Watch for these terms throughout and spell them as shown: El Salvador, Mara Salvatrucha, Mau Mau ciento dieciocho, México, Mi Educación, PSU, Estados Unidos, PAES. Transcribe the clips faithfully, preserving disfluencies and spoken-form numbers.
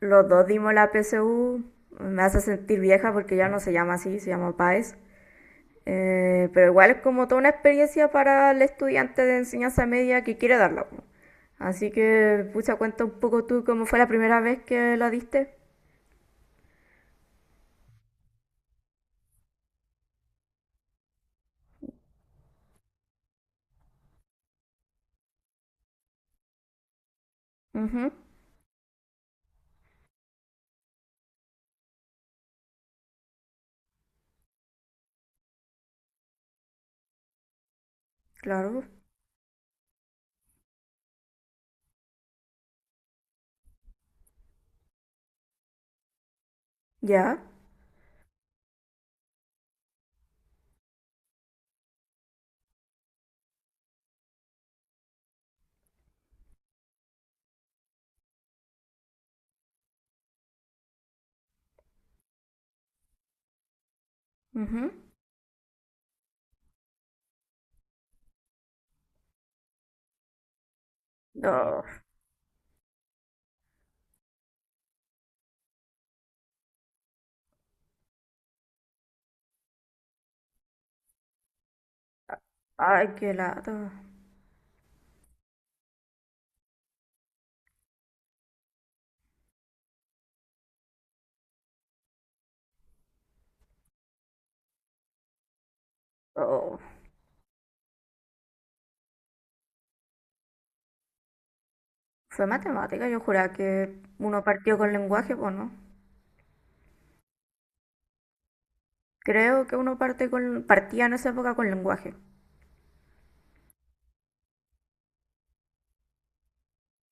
Los dos dimos la P S U. Me hace sentir vieja porque ya no se llama así, se llama PAES. Eh, pero igual es como toda una experiencia para el estudiante de enseñanza media que quiere darla. Así que, pucha, cuenta un poco tú cómo fue la primera vez que la diste. Ujú, claro. Ya. Ujú. Oh, ay, qué lata. Oh, fue matemática, yo juraba que uno partió con lenguaje, pues no. Creo que uno parte con, partía en esa época con lenguaje.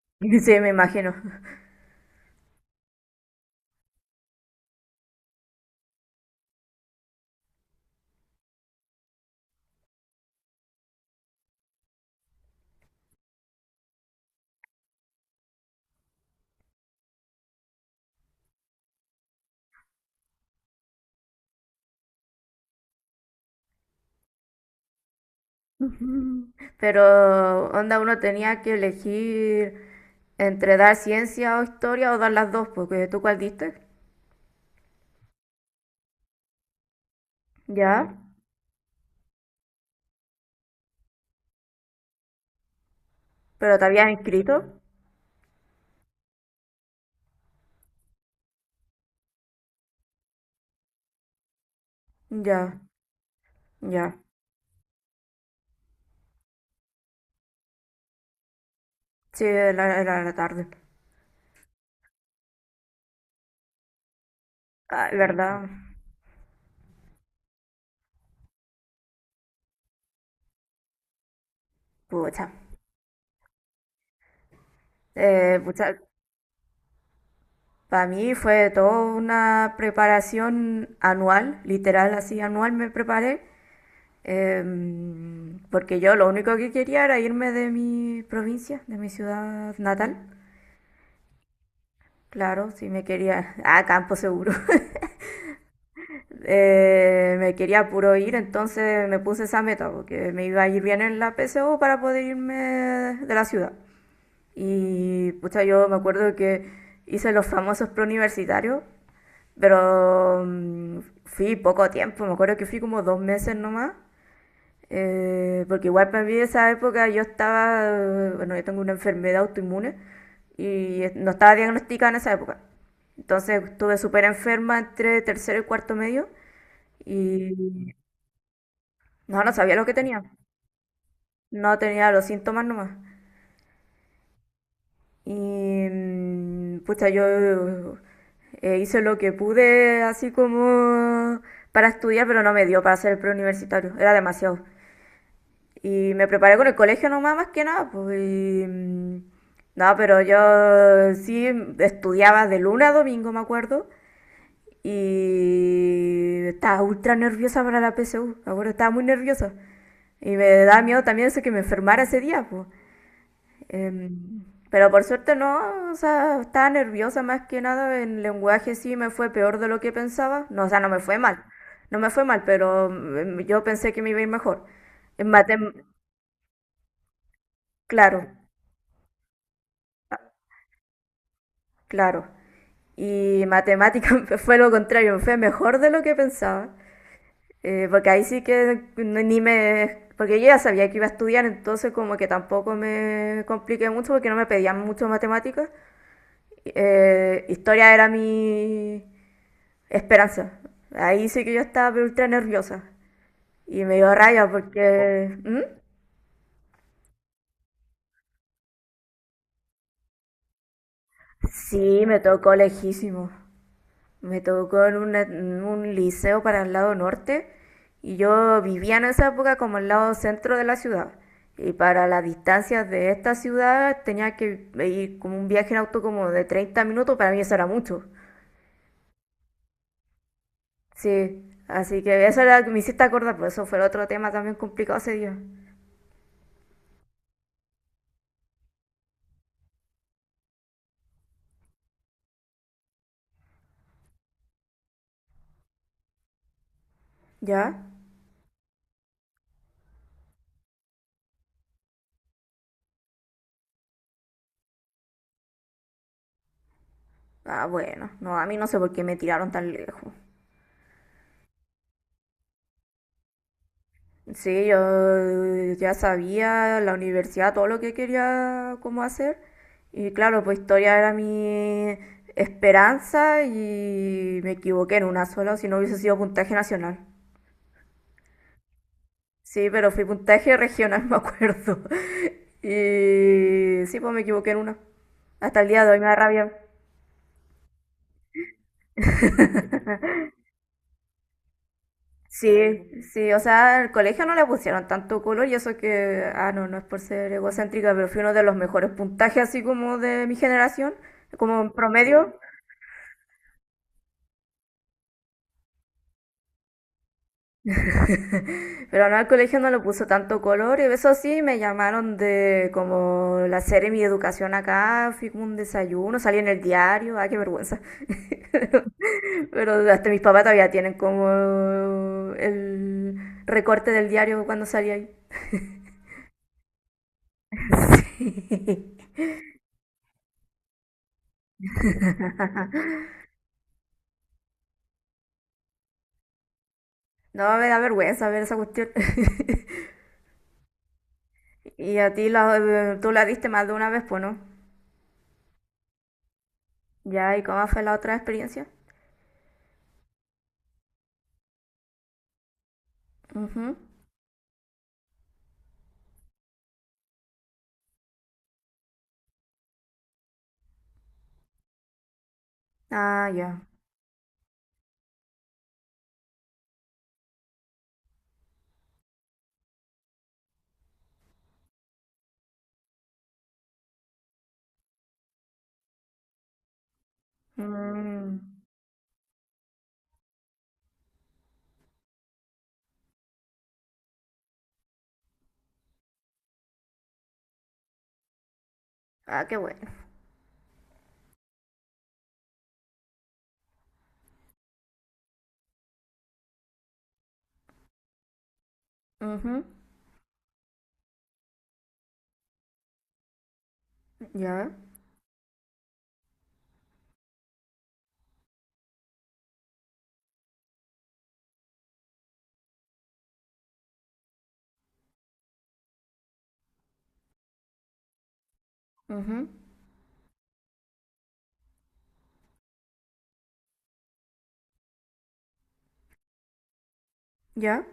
Sí, me imagino. Pero, onda, uno tenía que elegir entre dar ciencia o historia o dar las dos, porque tú cuál diste. Ya, pero te habías inscrito. Ya, ya. Sí, era, era la tarde. Ah, ¿verdad? Pucha. Eh, pucha. Para mí fue toda una preparación anual, literal, así anual me preparé. Em, porque yo lo único que quería era irme de mi provincia, de mi ciudad natal. Claro, sí me quería, a campo seguro. Eh, me quería puro ir, entonces me puse esa meta, porque me iba a ir bien en la P S U para poder irme de la ciudad. Y pucha, yo me acuerdo que hice los famosos preuniversitarios, pero mm, fui poco tiempo, me acuerdo que fui como dos meses nomás, eh, porque igual para mí esa época yo estaba, bueno, yo tengo una enfermedad autoinmune y eh, no estaba diagnosticada en esa época. Entonces estuve súper enferma entre tercero y cuarto medio y no, no sabía lo que tenía. No tenía los síntomas nomás. Y mm, pucha, yo eh, hice lo que pude así como para estudiar, pero no me dio para hacer el preuniversitario. Era demasiado. Y me preparé con el colegio nomás, más que nada, pues. Y, mm, no, pero yo sí estudiaba de lunes a domingo, me acuerdo. Y estaba ultra nerviosa para la P S U, me acuerdo, estaba muy nerviosa. Y me daba miedo también eso que me enfermara ese día, pues. Em, pero por suerte no, o sea, estaba nerviosa más que nada. En lenguaje sí me fue peor de lo que pensaba. No, o sea, no me fue mal. No me fue mal, pero mm, yo pensé que me iba a ir mejor. En matem, claro. Claro. Y matemática fue lo contrario, fue mejor de lo que pensaba. Eh, porque ahí sí que no- ni me... Porque yo ya sabía que iba a estudiar, entonces como que tampoco me compliqué mucho porque no me pedían mucho matemáticas. Eh, historia era mi esperanza. Ahí sí que yo estaba pero ultra nerviosa. Y me dio rabia. Oh, porque... ¿Mm? Sí, me tocó lejísimo. Me tocó en, una- en un liceo para el lado norte y yo vivía en esa época como el lado centro de la ciudad. Y para las distancias de esta ciudad tenía que ir como un viaje en auto como de treinta minutos, para mí eso era mucho. Sí, así que eso era lo que me hiciste acordar, por eso fue el otro tema también complicado ese día. ¿Ya? Ah, bueno, no, a mí no sé por qué me tiraron tan lejos. Sí, yo ya sabía la universidad, todo lo que quería como hacer. Y claro, pues historia era mi esperanza y me equivoqué en una sola, si no hubiese sido puntaje nacional. Sí, pero fui puntaje regional, me acuerdo. Y sí, pues me equivoqué en una. Hasta el día de hoy me da rabia. Sí, sí, o sea, al colegio no le pusieron tanto color y eso que, ah, no, no es por ser egocéntrica, pero fui uno de los mejores puntajes así como de mi generación, como en promedio, pero no, al colegio no le puso tanto color y eso sí, me llamaron de como la serie Mi Educación acá, fui como un desayuno, salí en el diario, ah, qué vergüenza. Pero hasta mis papás todavía tienen como el recorte del diario cuando salí ahí. No, me da vergüenza ver esa cuestión. Y a ti la, eh, tú la viste más de una vez, pues no. Ya, ¿y cómo fue la otra experiencia? Ujú. Ah, ya. Mm. Ah, qué bueno. Ujú. Ya. Ujú. Ya.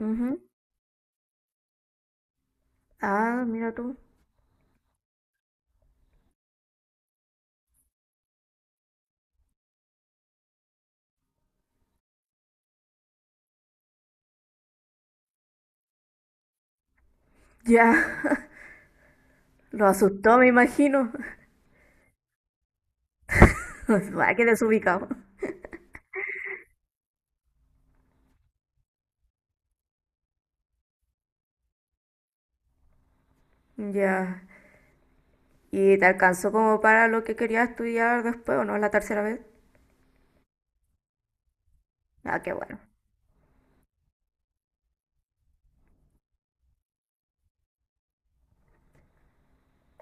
Ujú. Ah, mira tú. Ya. Lo asustó, me imagino. Ah, qué desubicado. Ya. ¿Y te alcanzó como para lo que querías estudiar después o no? La tercera vez. Ah, qué bueno.